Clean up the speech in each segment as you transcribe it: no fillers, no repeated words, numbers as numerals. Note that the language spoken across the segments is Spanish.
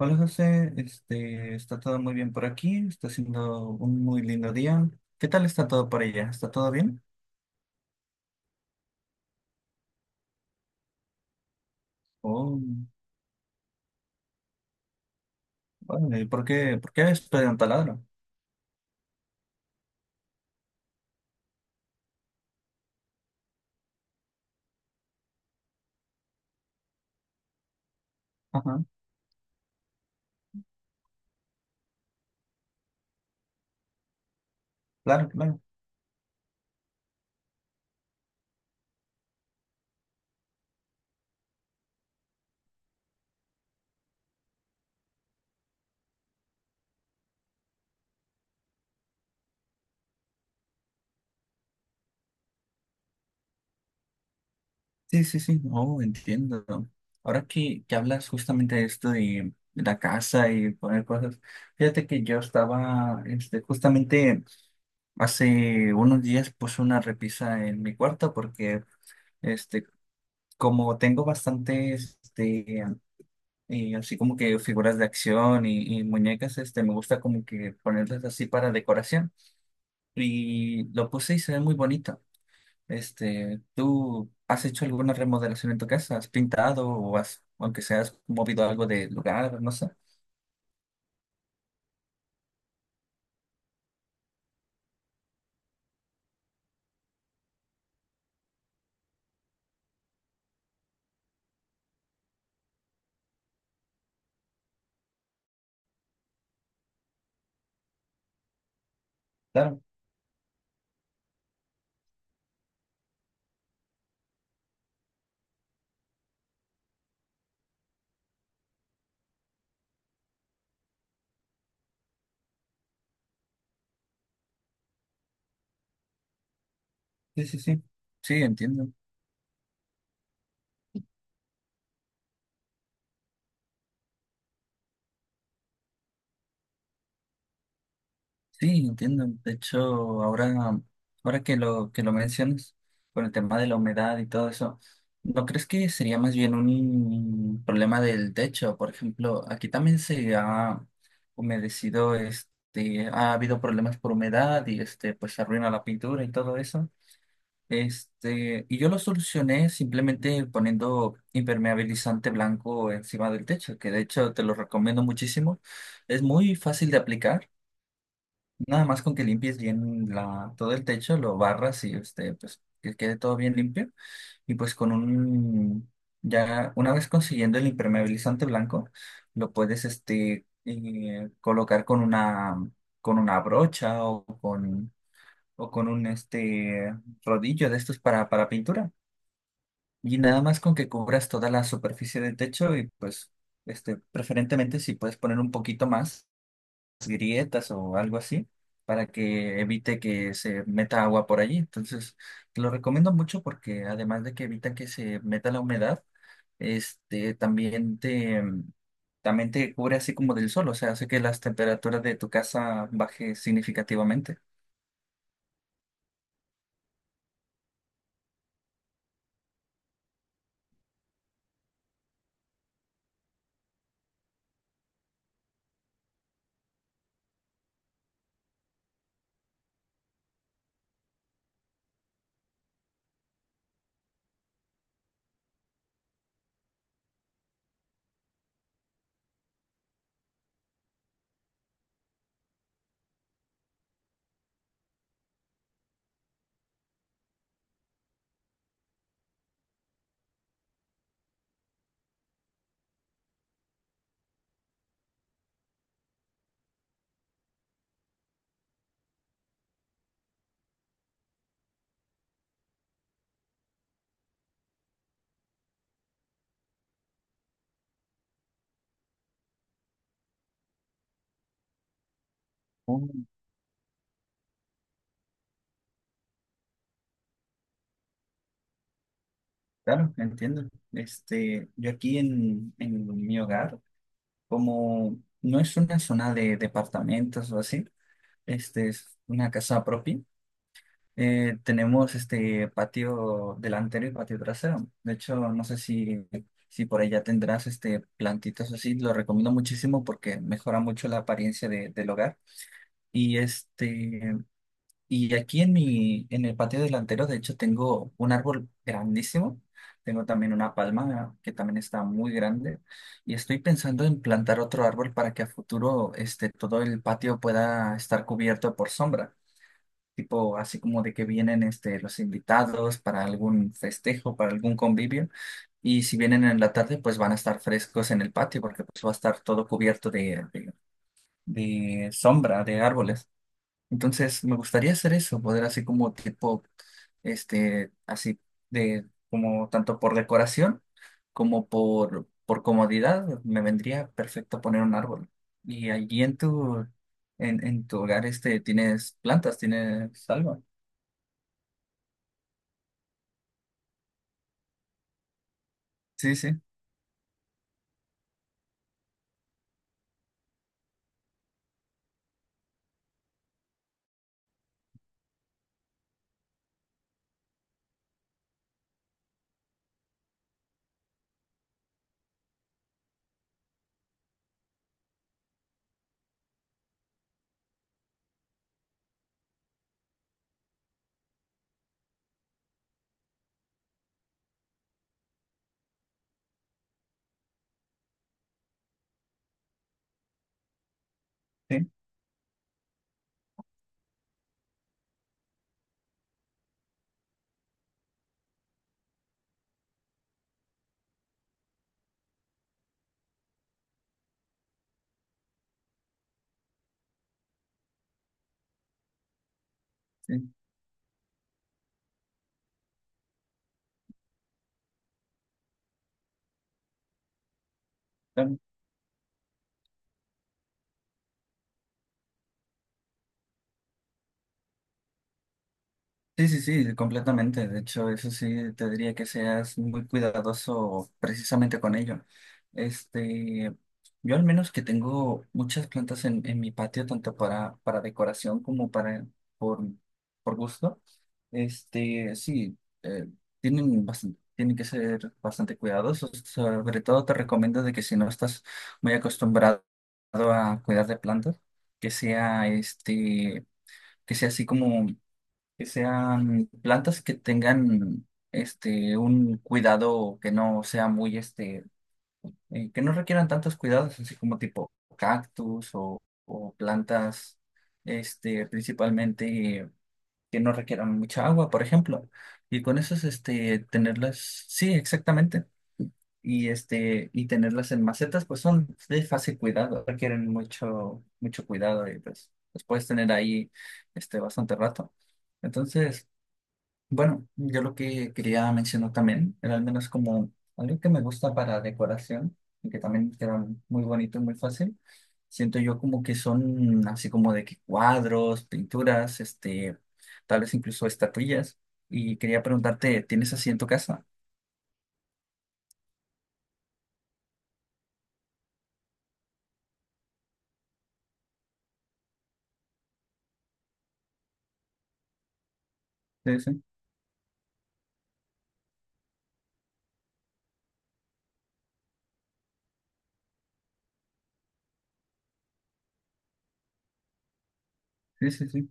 Hola José, está todo muy bien por aquí, está siendo un muy lindo día. ¿Qué tal está todo por allá? ¿Está todo bien? Oh, vale, ¿por qué estoy en taladro? Ajá, claro, claro. Sí, sí, sí, oh, entiendo. Ahora que hablas justamente de esto de la casa y poner cosas, fíjate que yo estaba, justamente hace unos días puse una repisa en mi cuarto porque, este, como tengo bastantes, y así como que figuras de acción y muñecas, me gusta como que ponerlas así para decoración. Y lo puse y se ve muy bonito. ¿Tú has hecho alguna remodelación en tu casa? ¿Has pintado o has, aunque sea, has movido algo de lugar? No sé. Claro, sí, sí, sí. Sí, entiendo. Sí, entiendo. De hecho, ahora, ahora que lo mencionas, con el tema de la humedad y todo eso, ¿no crees que sería más bien un problema del techo? Por ejemplo, aquí también se ha humedecido, ha habido problemas por humedad y pues se arruina la pintura y todo eso. Y yo lo solucioné simplemente poniendo impermeabilizante blanco encima del techo, que de hecho te lo recomiendo muchísimo. Es muy fácil de aplicar. Nada más con que limpies bien la, todo el techo, lo barras y pues que quede todo bien limpio. Y pues con un, ya una vez consiguiendo el impermeabilizante blanco, lo puedes colocar con una brocha o con un rodillo de estos para pintura. Y nada más con que cubras toda la superficie del techo y pues preferentemente si puedes poner un poquito más grietas o algo así para que evite que se meta agua por allí. Entonces, te lo recomiendo mucho porque además de que evita que se meta la humedad, este también te también te cubre así como del sol, o sea, hace que las temperaturas de tu casa baje significativamente. Oh, claro, entiendo. Yo aquí en mi hogar, como no es una zona de departamentos o así, este es una casa propia. Tenemos este patio delantero y patio trasero. De hecho, no sé si, si por allá tendrás este plantitas así. Lo recomiendo muchísimo porque mejora mucho la apariencia de- del hogar. Y y aquí en mi, en el patio delantero, de hecho, tengo un árbol grandísimo. Tengo también una palma que también está muy grande. Y estoy pensando en plantar otro árbol para que a futuro todo el patio pueda estar cubierto por sombra, tipo así como de que vienen los invitados para algún festejo, para algún convivio, y si vienen en la tarde, pues van a estar frescos en el patio porque pues va a estar todo cubierto de sombra, de árboles. Entonces, me gustaría hacer eso, poder así como tipo, así de, como tanto por decoración como por comodidad, me vendría perfecto poner un árbol. Y allí en tu hogar, ¿tienes plantas? ¿Tienes algo? Sí, sí, sí, sí, claro. Sí, sí, sí, completamente. De hecho, eso sí, te diría que seas muy cuidadoso precisamente con ello. Este, yo al menos que tengo muchas plantas en mi patio, tanto para decoración como para por, por gusto. Sí, eh, tienen bastante, tienen que ser bastante cuidadosos. Sobre todo te recomiendo de que si no estás muy acostumbrado a cuidar de plantas, que sea este que sea así como, que sean plantas que tengan un cuidado que no sea muy que no requieran tantos cuidados, así como tipo cactus o plantas, principalmente que no requieran mucha agua, por ejemplo. Y con eso tenerlas, sí, exactamente y y tenerlas en macetas pues son de fácil cuidado, requieren mucho cuidado y pues los puedes tener ahí bastante rato. Entonces, bueno, yo lo que quería mencionar también era al menos como algo que me gusta para decoración y que también queda muy bonito y muy fácil. Siento yo como que son así como de que cuadros, pinturas, tal vez incluso estatuillas. Y quería preguntarte, ¿tienes así en tu casa? Sí, sí, sí, sí, sí.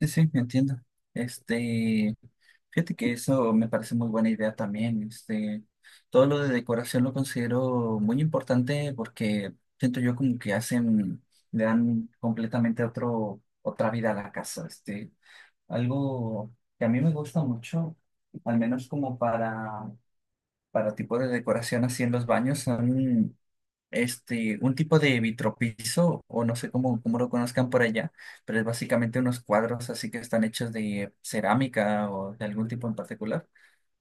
Sí, sí, entiendo. Este, fíjate que eso me parece muy buena idea también. Todo lo de decoración lo considero muy importante porque siento yo como que hacen, le dan completamente otro, otra vida a la casa. Algo que a mí me gusta mucho, al menos como para tipo de decoración así en los baños, son un tipo de vitropiso, o no sé cómo, cómo lo conozcan por allá, pero es básicamente unos cuadros así que están hechos de cerámica o de algún tipo en particular.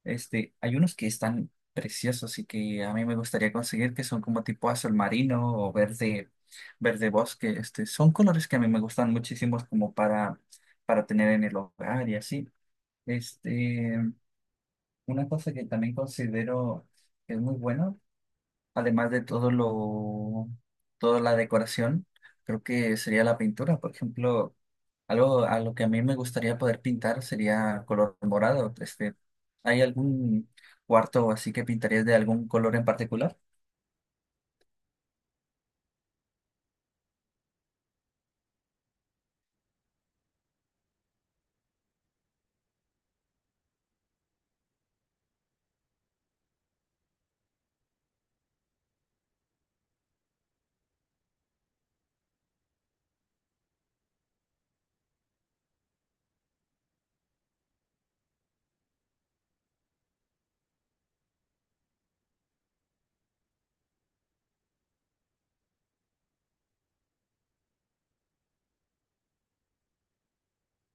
Hay unos que están preciosos y que a mí me gustaría conseguir, que son como tipo azul marino o verde, verde bosque. Son colores que a mí me gustan muchísimos como para tener en el hogar y así. Este, una cosa que también considero que es muy bueno además de todo lo, toda la decoración, creo que sería la pintura. Por ejemplo, algo a lo que a mí me gustaría poder pintar sería color morado. ¿Hay algún cuarto así que pintarías de algún color en particular?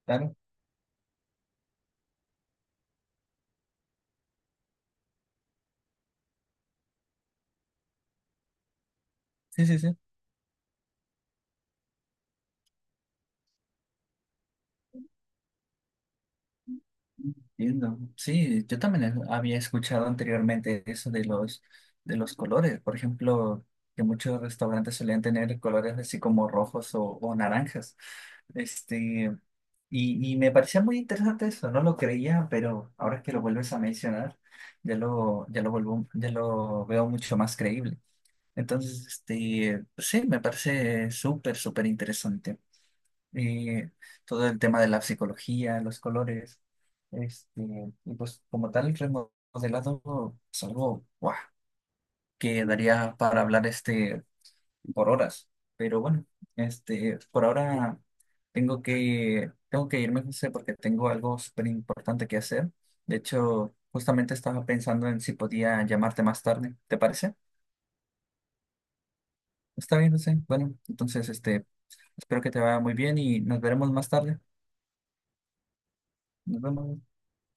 Claro. Sí, sí, sí. Entiendo. Sí, yo también he- había escuchado anteriormente eso de los colores. Por ejemplo, que muchos restaurantes solían tener colores así como rojos o naranjas. Este, y me parecía muy interesante eso, no lo creía, pero ahora que lo vuelves a mencionar, ya lo, ya lo veo mucho más creíble. Entonces, pues sí, me parece súper, súper interesante, eh, todo el tema de la psicología, los colores, este, y pues como tal el remodelado es algo ¡guau! Que daría para hablar por horas. Pero bueno, por ahora tengo que irme, José, porque tengo algo súper importante que hacer. De hecho, justamente estaba pensando en si podía llamarte más tarde. ¿Te parece? Está bien, José. Bueno, entonces espero que te vaya muy bien y nos veremos más tarde. Nos vemos.